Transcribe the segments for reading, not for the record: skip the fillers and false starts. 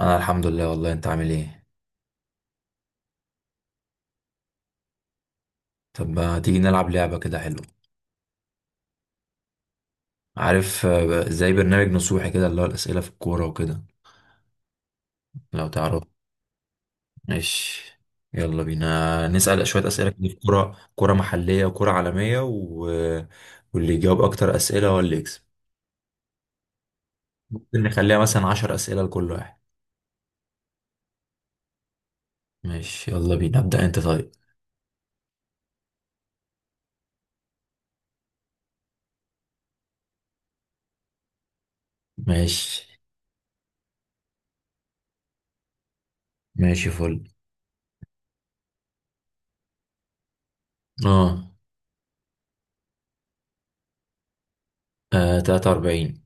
انا الحمد لله والله، انت عامل ايه؟ طب ما تيجي نلعب لعبة كده حلوة. عارف زي برنامج نصوحي كده، اللي هو الأسئلة في الكورة وكده لو تعرف. ماشي يلا بينا نسأل شوية أسئلة كده في كورة محلية وكورة عالمية واللي يجاوب أكتر أسئلة هو اللي يكسب. ممكن نخليها مثلا عشر أسئلة لكل واحد. ماشي يلا بينا، ابدأ أنت طيب. ماشي. ماشي فل. اه. تلاتة وأربعين.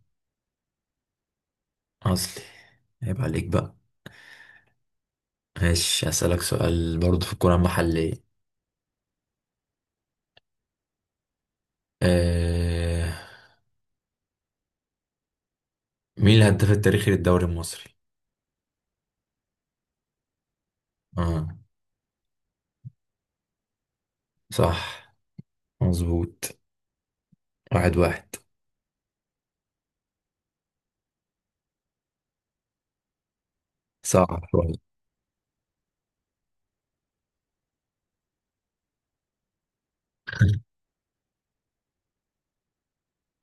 أصلي. عيب عليك بقى. ماشي، هسألك سؤال برضه في الكورة المحلية. آه مين الهداف التاريخي للدوري المصري؟ اه. صح مظبوط. واحد واحد. صعب شوية.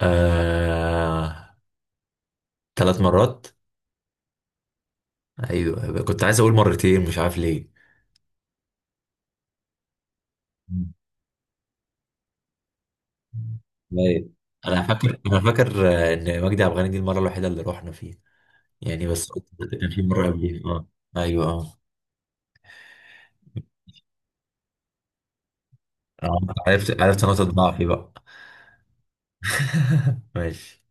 آه ثلاث مرات. ايوه، كنت عايز اقول مرتين مش عارف ليه. مم. طيب. انا فاكر ان مجدي عبد الغني دي المره الوحيده اللي رحنا فيها، يعني بس قلت. كان في مره قبليها اه. ايوه اه. آه، عرفت نقطه ضعفي بقى. ماشي.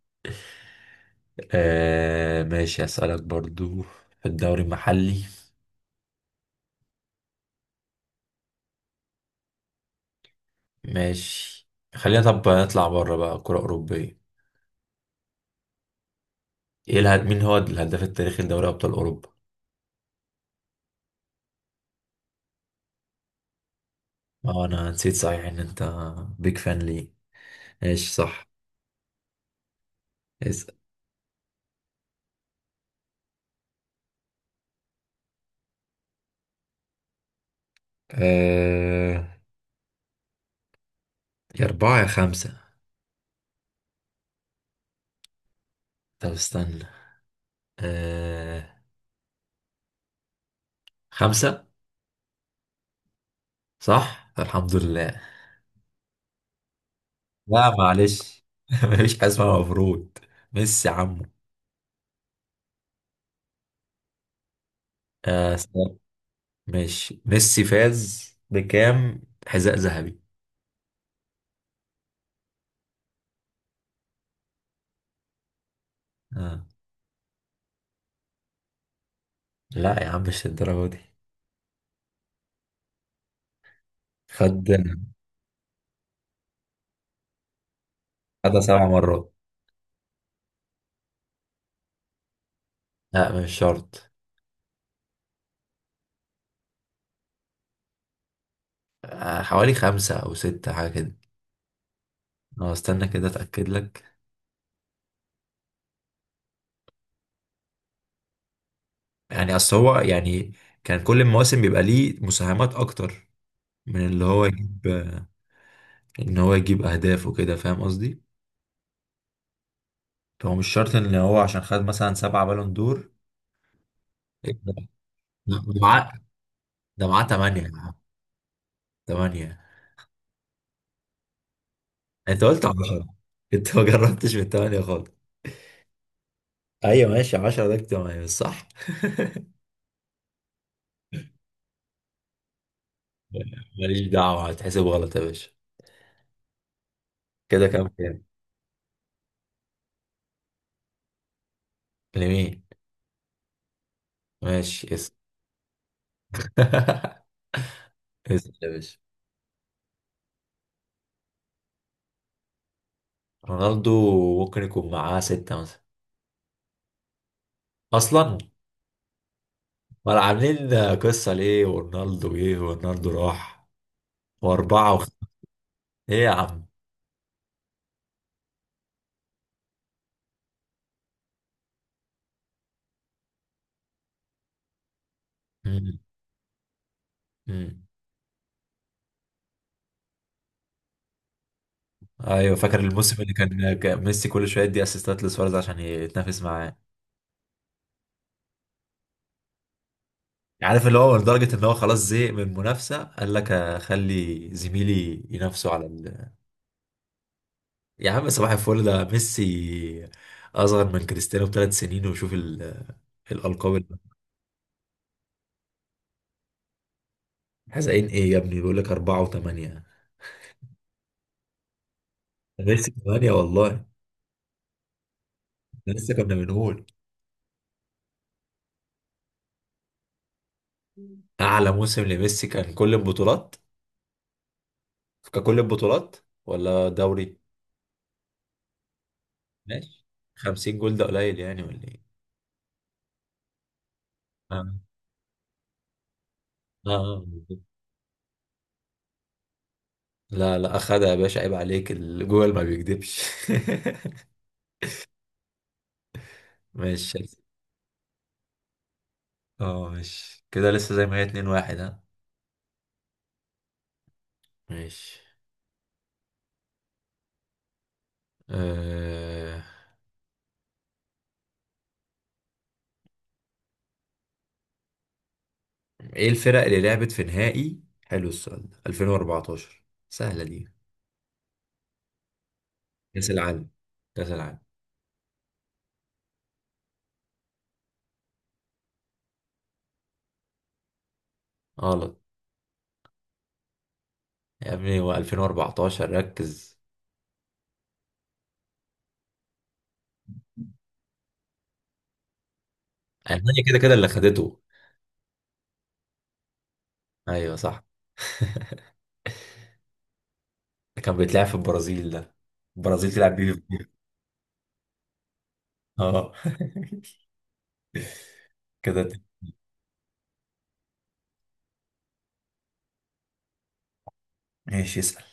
ماشي أسألك برضو في الدوري المحلي. ماشي. خلينا طب نطلع بره بقى كرة أوروبية. مين هو الهداف التاريخي لدوري أبطال أوروبا؟ اه، أنا نسيت صحيح إن أنت بيج فان ليه. ماشي صح. اسأل. آه... يا أربعة يا خمسة. طب استنى. آه... خمسة. صح؟ الحمد لله. لا معلش مفيش حاجة اسمها مفروض. ميسي عمو. آه... ماشي، ميسي فاز بكام حذاء ذهبي؟ آه. لا يا عم مش الدرجة دي. خد. خدها سبع مرات. لا مش شرط. حوالي خمسة أو ستة حاجة كده. أه استنى كده أتأكد لك. يعني أصل هو، يعني كان كل المواسم بيبقى ليه مساهمات أكتر من اللي هو يجيب، إن هو يجيب أهداف وكده، فاهم قصدي؟ فهو مش شرط إن هو عشان خد مثلا سبعة بالون دور. إيه ده؟ ده معاه، ده معاه تمانية يا عم. تمانية. انت قلت 10. انت ما جربتش من 8 خالص. ايوه ماشي، 10 ده اجتماعي بس صح ماليش دعوه، هتحسب غلط يا باشا. كده كام كام؟ لمين؟ ماشي اسم. اسم يا باشا. رونالدو ممكن يكون معاه ستة مثلا اصلا. ولا عاملين قصه، ليه ورونالدو جه ورونالدو راح، واربعه وخ... ايه يا عم. مم. مم. ايوه فاكر الموسم اللي كان ميسي كل شويه يدي اسيستات لسواريز عشان يتنافس معاه. عارف، اللي هو لدرجة ان هو خلاص زهق من المنافسة، قال لك اخلي زميلي ينافسه على يا عم صباح الفل، ده ميسي اصغر من كريستيانو بثلاث سنين، وشوف الالقاب اللي- حزقين ايه يا ابني، بيقول لك اربعة وثمانية. ميسي ثمانية والله. ده لسه كنا بنقول. اعلى موسم لميسي كان كل البطولات. ككل البطولات، ولا دوري. ماشي، 50 جول ده قليل يعني ولا ايه؟ اه. اه. لا لا اخدها يا باشا عيب عليك، الجوجل ما بيكذبش. ماشي. اه ماشي، كده لسه زي ما هي، 2 واحد ها. ماشي. آه... ايه الفرق اللي لعبت في نهائي، حلو السؤال ده، 2014؟ سهلة دي. كأس العالم. كأس العالم. غلط. يا ابني هو 2014 ركز. ألمانيا كده كده اللي خدته. ايوه صح كان بيتلعب في البرازيل ده. البرازيل تلعب بيه. اه كده. ماشي اسأل.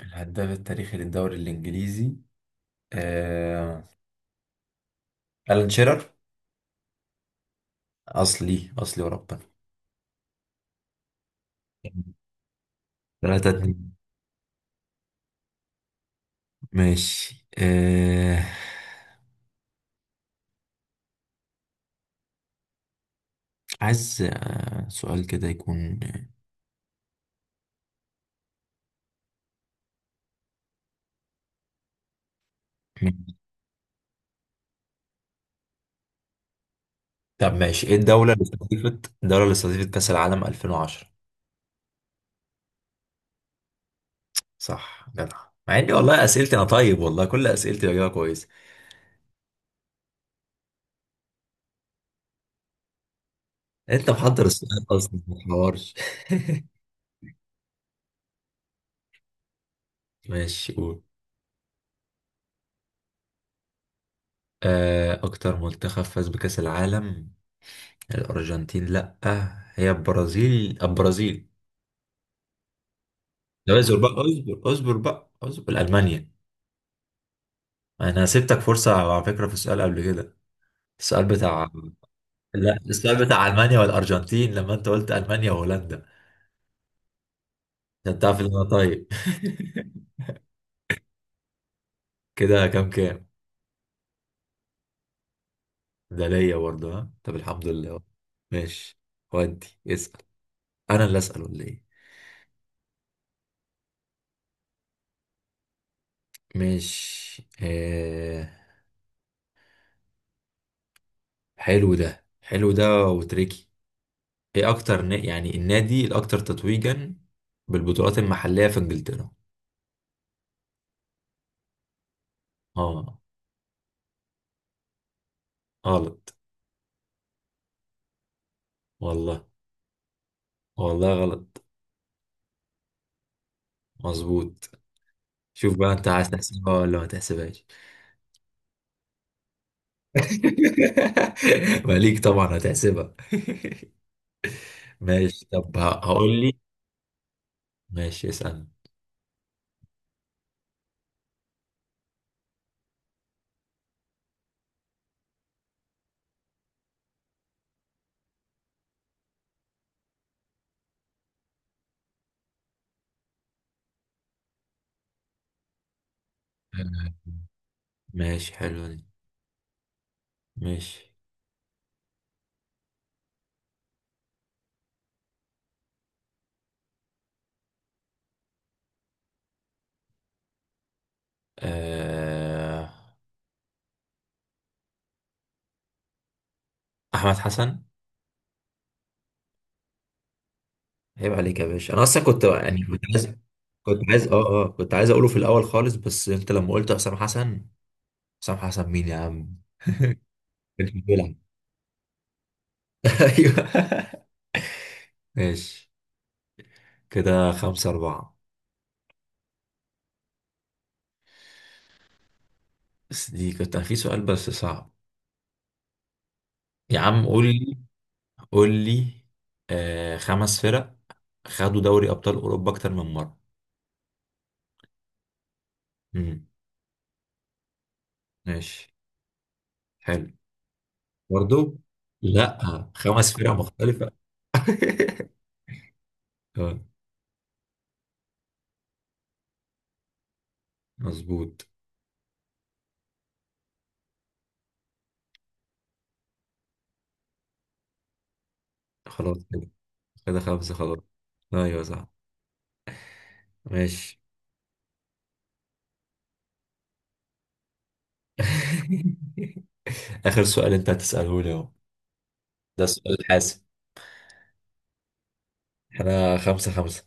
الهداف التاريخي للدوري الإنجليزي. آه... ألان شيرر. أصلي أصلي وربنا. ثلاثة اتنين. ماشي. عايز سؤال كده يكون. طب ماشي، ايه الدولة اللي استضيفت، الدولة اللي استضيفت كأس العالم 2010؟ صح جدع. مع اني والله اسئلتي انا طيب، والله كل اسئلتي بجاوبها كويس. انت محضر السؤال اصلا ما تحورش. ماشي قول. اكتر منتخب فاز بكأس العالم. الأرجنتين، لأ. هي البرازيل لا اصبر بقى، اصبر اصبر بقى اصبر، ألمانيا. أنا سبتك فرصة على فكرة في السؤال قبل كده. السؤال بتاع، لا السؤال بتاع ألمانيا والأرجنتين لما أنت قلت ألمانيا وهولندا. عشان تعرف إن أنا طيب كده كام كام؟ ده ليا برضه ها، طب الحمد لله. ماشي. ودي اسأل. أنا اللي أسأل ولا إيه؟ ماشي. حلو ده حلو ده وتريكي. يعني النادي الاكتر تتويجا بالبطولات المحلية في انجلترا؟ اه. غلط والله. والله غلط. مظبوط. شوف بقى انت عايز تحسبها ولا ما تحسبهاش. ماليك طبعا هتحسبها. ماشي طب، هقول لي. ماشي اسأل. ماشي، حلو دي. ماشي. آه... احمد حسن. عيب عليك يا باشا، انا اصلا كنت، يعني، كنت عايز اقوله في الاول خالص، بس انت لما قلت حسام حسن. حسام حسن مين يا عم. كانش بيلعب. ايوه ماشي. كده خمسة أربعة. بس دي كنت في سؤال بس صعب. يا عم قول لي قول لي. خمس فرق خدوا دوري أبطال أوروبا أكتر من مرة. امم. ماشي حلو. برضو. لا، خمس فرق مختلفة. اه مظبوط. خلاص كده. كده خمسة خلاص. ايوه صح. ماشي. آخر سؤال أنت هتسأله لي أهو. ده السؤال الحاسم. احنا خمسة خمسة.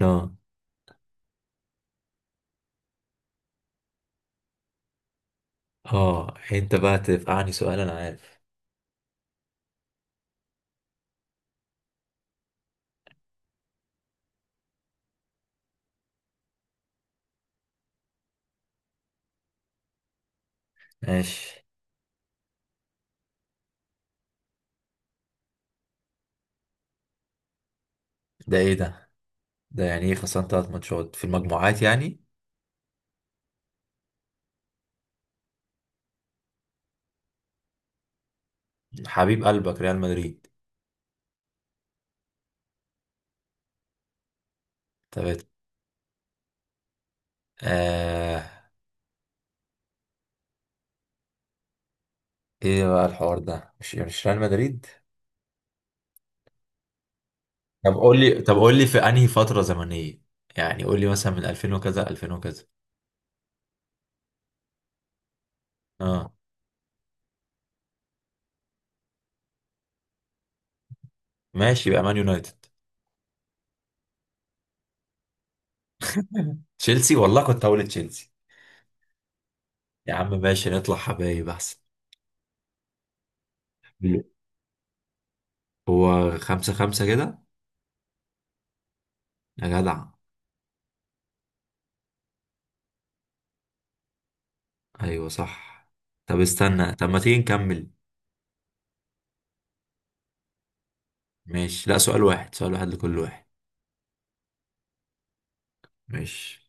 اه. اه يعني انت بقى تفقعني سؤال، انا عارف. ماشي. ده ايه ده؟ ده يعني ايه، خسران ثلاث ماتشات في المجموعات يعني؟ حبيب قلبك ريال مدريد. طب. آه. ايه بقى الحوار ده، مش ريال مدريد. طب قول لي، طب قول لي في انهي فترة زمنية. يعني قول لي مثلا من 2000 وكذا 2000 وكذا. اه ماشي يبقى مان يونايتد. تشيلسي، والله كنت هقول تشيلسي. يا عم ماشي نطلع حبايب احسن. هو خمسة خمسة كده. يا جدع. ايوه صح. طب استنى، طب ما تيجي نكمل. ماشي، لا، سؤال واحد سؤال واحد لكل واحد. ماشي.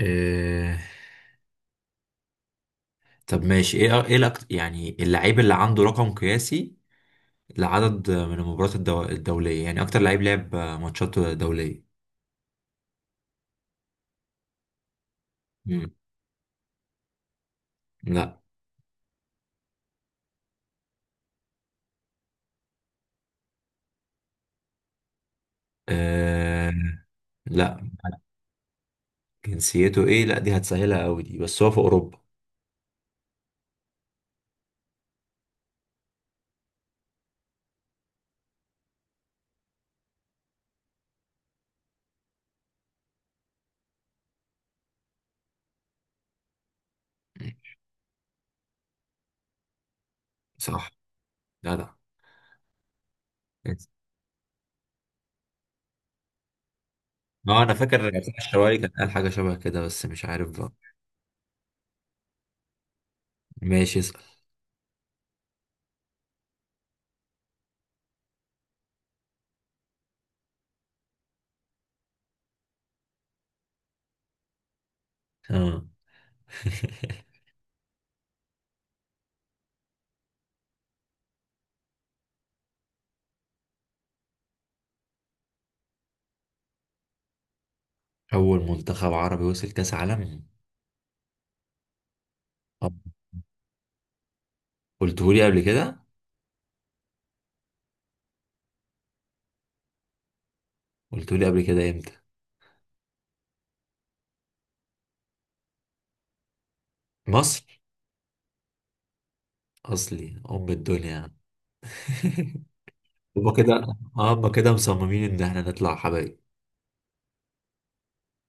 إيه... طب ماشي، ايه يعني اللعيب اللي عنده رقم قياسي لعدد من المباريات الدولية، يعني اكتر لعيب لعب ماتشات دولية. مم. لا. إيه... لا. جنسيته ايه؟ لا دي هتسهلها قوي دي، بس هو في اوروبا. مم. صح. لا لا. ما انا فاكر بتاع الشرايك كان قال حاجة شبه كده بس مش عارف بقى. ماشي اسأل. اه. أول منتخب عربي وصل كأس عالم. طب. قلتهولي قبل كده. قلتهولي قبل كده إمتى؟ مصر. أصلي أم الدنيا. هما كده. هما كده مصممين إن إحنا نطلع حبايب.